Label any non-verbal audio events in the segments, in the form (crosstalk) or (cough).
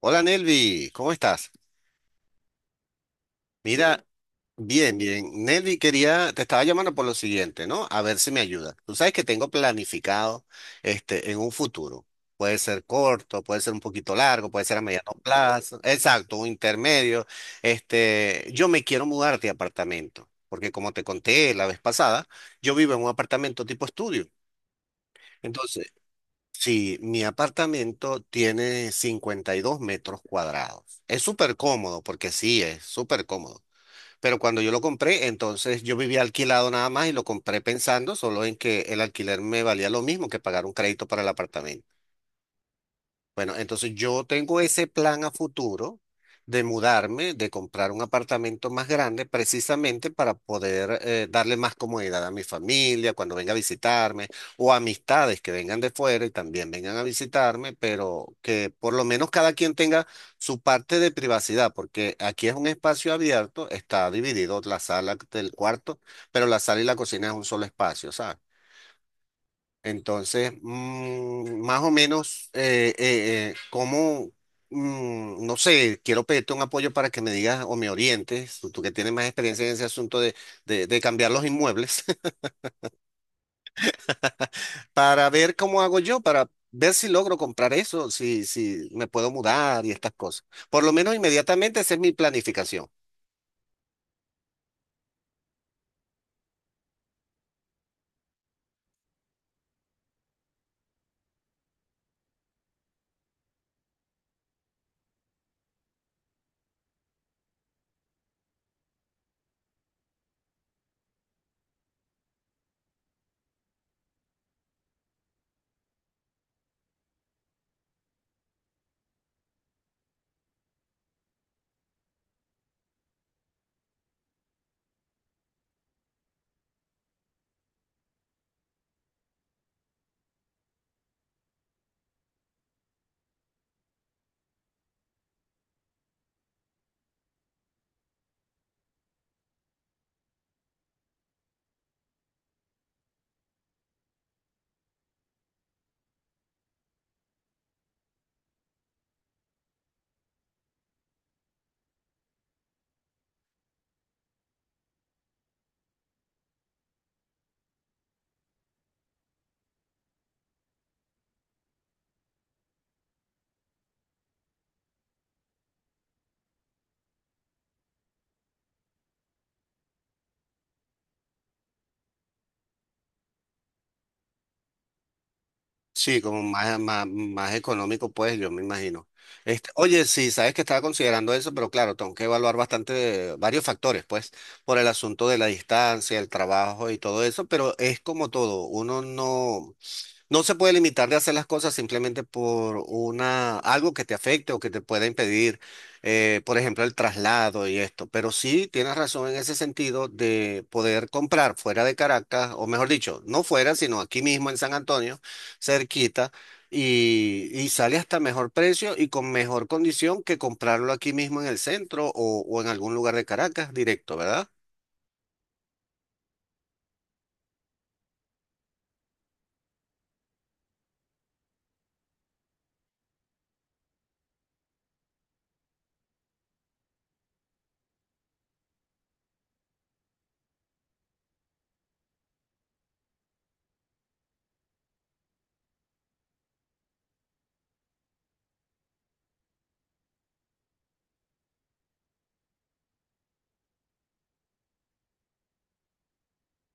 Hola Nelvi, ¿cómo estás? Mira, bien, bien. Nelvi, te estaba llamando por lo siguiente, ¿no? A ver si me ayuda. Tú sabes que tengo planificado en un futuro. Puede ser corto, puede ser un poquito largo, puede ser a mediano plazo. Exacto, un intermedio. Yo me quiero mudar de apartamento, porque como te conté la vez pasada, yo vivo en un apartamento tipo estudio. Entonces, sí, mi apartamento tiene 52 metros cuadrados. Es súper cómodo, porque sí, es súper cómodo. Pero cuando yo lo compré, entonces yo vivía alquilado nada más y lo compré pensando solo en que el alquiler me valía lo mismo que pagar un crédito para el apartamento. Bueno, entonces yo tengo ese plan a futuro de mudarme, de comprar un apartamento más grande, precisamente para poder darle más comodidad a mi familia cuando venga a visitarme o amistades que vengan de fuera y también vengan a visitarme, pero que por lo menos cada quien tenga su parte de privacidad, porque aquí es un espacio abierto, está dividido la sala del cuarto, pero la sala y la cocina es un solo espacio, ¿sabes? Entonces, más o menos, cómo, no sé, quiero pedirte un apoyo para que me digas o me orientes, tú que tienes más experiencia en ese asunto de cambiar los inmuebles, (laughs) para ver cómo hago yo, para ver si logro comprar eso, si me puedo mudar y estas cosas. Por lo menos inmediatamente, esa es mi planificación. Sí, como más, más, más económico, pues yo me imagino. Oye, sí, sabes que estaba considerando eso, pero claro, tengo que evaluar bastante, varios factores, pues, por el asunto de la distancia, el trabajo y todo eso, pero es como todo, uno no. No se puede limitar de hacer las cosas simplemente algo que te afecte o que te pueda impedir, por ejemplo, el traslado y esto. Pero sí tienes razón en ese sentido de poder comprar fuera de Caracas, o mejor dicho, no fuera, sino aquí mismo en San Antonio, cerquita, y, sale hasta mejor precio y con mejor condición que comprarlo aquí mismo en el centro o en algún lugar de Caracas directo, ¿verdad?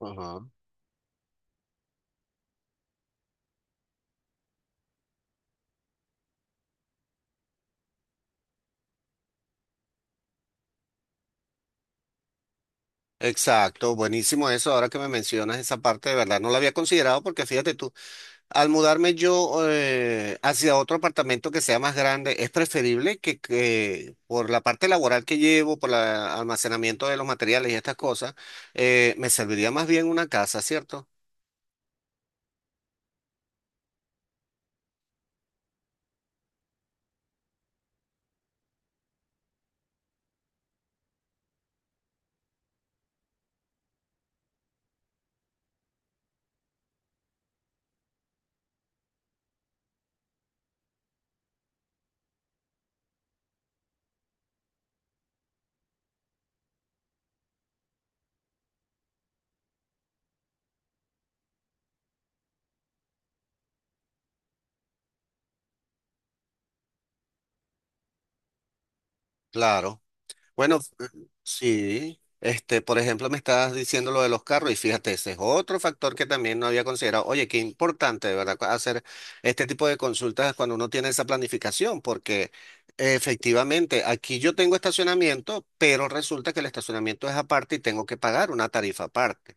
Ajá. Exacto, buenísimo eso. Ahora que me mencionas esa parte, de verdad no la había considerado porque fíjate tú. Al mudarme yo hacia otro apartamento que sea más grande, es preferible que por la parte laboral que llevo, por el almacenamiento de los materiales y estas cosas, me serviría más bien una casa, ¿cierto? Claro. Bueno, sí, por ejemplo, me estabas diciendo lo de los carros y fíjate, ese es otro factor que también no había considerado. Oye, qué importante, de ¿verdad? Hacer este tipo de consultas cuando uno tiene esa planificación, porque efectivamente aquí yo tengo estacionamiento, pero resulta que el estacionamiento es aparte y tengo que pagar una tarifa aparte.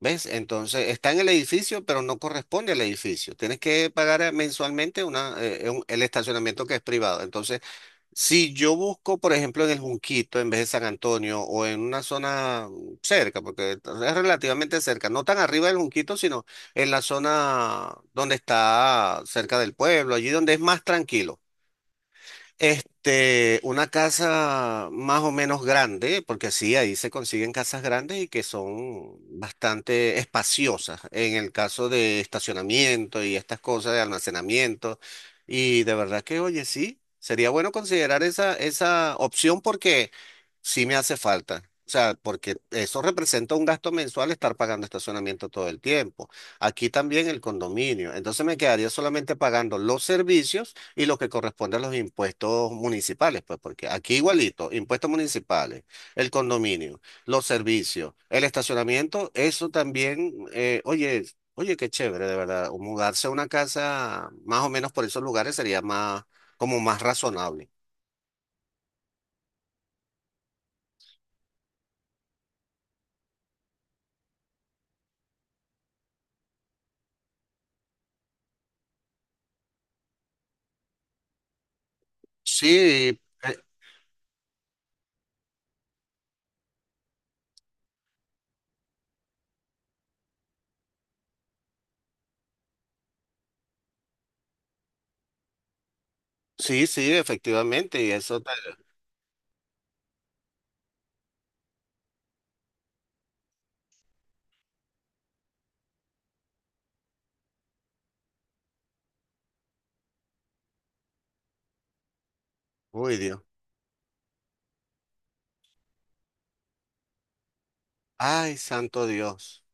¿Ves? Entonces está en el edificio, pero no corresponde al edificio. Tienes que pagar mensualmente el estacionamiento que es privado. Entonces, si yo busco, por ejemplo, en el Junquito en vez de San Antonio o en una zona cerca, porque es relativamente cerca, no tan arriba del Junquito, sino en la zona donde está cerca del pueblo, allí donde es más tranquilo. Una casa más o menos grande, porque sí, ahí se consiguen casas grandes y que son bastante espaciosas en el caso de estacionamiento y estas cosas de almacenamiento. Y de verdad que, oye, sí, sería bueno considerar esa opción porque sí me hace falta. O sea, porque eso representa un gasto mensual estar pagando estacionamiento todo el tiempo. Aquí también el condominio. Entonces me quedaría solamente pagando los servicios y lo que corresponde a los impuestos municipales, pues porque aquí igualito, impuestos municipales, el condominio, los servicios, el estacionamiento, eso también, oye, qué chévere, de verdad, o mudarse a una casa más o menos por esos lugares sería más, como más razonable. Sí, sí, sí, efectivamente, y eso, uy, Dios. Ay, santo Dios.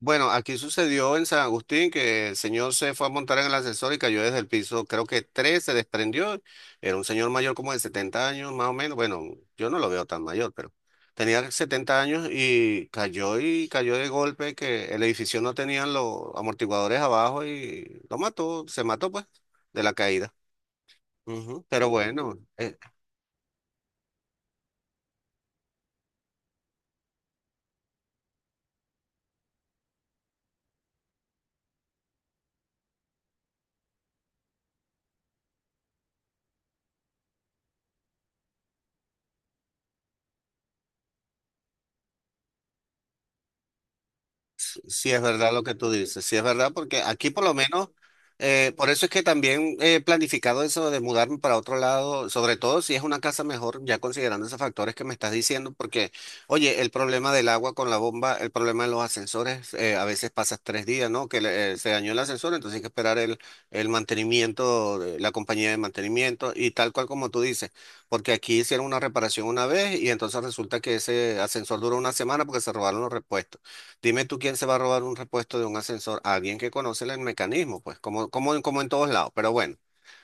Bueno, aquí sucedió en San Agustín que el señor se fue a montar en el ascensor y cayó desde el piso, creo que tres, se desprendió. Era un señor mayor como de 70 años, más o menos. Bueno, yo no lo veo tan mayor, pero tenía 70 años y cayó de golpe que el edificio no tenían los amortiguadores abajo y lo mató, se mató pues de la caída. Ujú, pero bueno, sí, si es verdad lo que tú dices. Sí, es verdad, porque aquí por lo menos, por eso es que también he planificado eso de mudarme para otro lado, sobre todo si es una casa mejor, ya considerando esos factores que me estás diciendo, porque, oye, el problema del agua con la bomba, el problema de los ascensores, a veces pasas 3 días, ¿no? Que se dañó el ascensor, entonces hay que esperar el mantenimiento, de la compañía de mantenimiento y tal cual como tú dices, porque aquí hicieron una reparación una vez y entonces resulta que ese ascensor duró una semana porque se robaron los repuestos. Dime tú quién se va a robar un repuesto de un ascensor, alguien que conoce el mecanismo, pues, como en todos lados, pero bueno,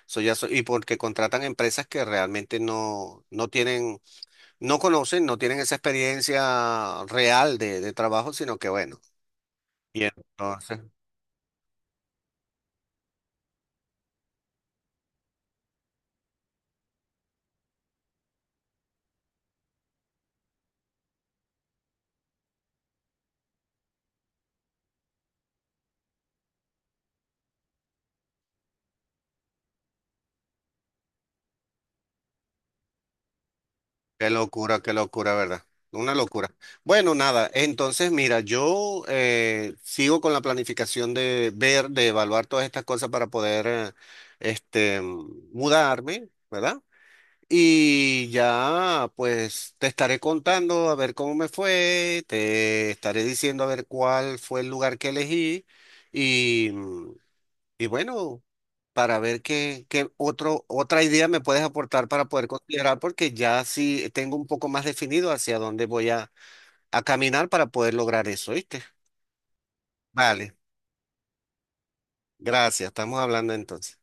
eso ya y porque contratan empresas que realmente no tienen, no conocen, no tienen esa experiencia real de trabajo, sino que bueno, y entonces, qué locura, ¿verdad? Una locura. Bueno, nada, entonces mira, yo sigo con la planificación de ver, de evaluar todas estas cosas para poder, este, mudarme, ¿verdad? Y ya, pues te estaré contando a ver cómo me fue, te estaré diciendo a ver cuál fue el lugar que elegí y, bueno, para ver qué otra idea me puedes aportar para poder considerar, porque ya sí tengo un poco más definido hacia dónde voy a caminar para poder lograr eso, ¿viste? Vale, gracias, estamos hablando entonces.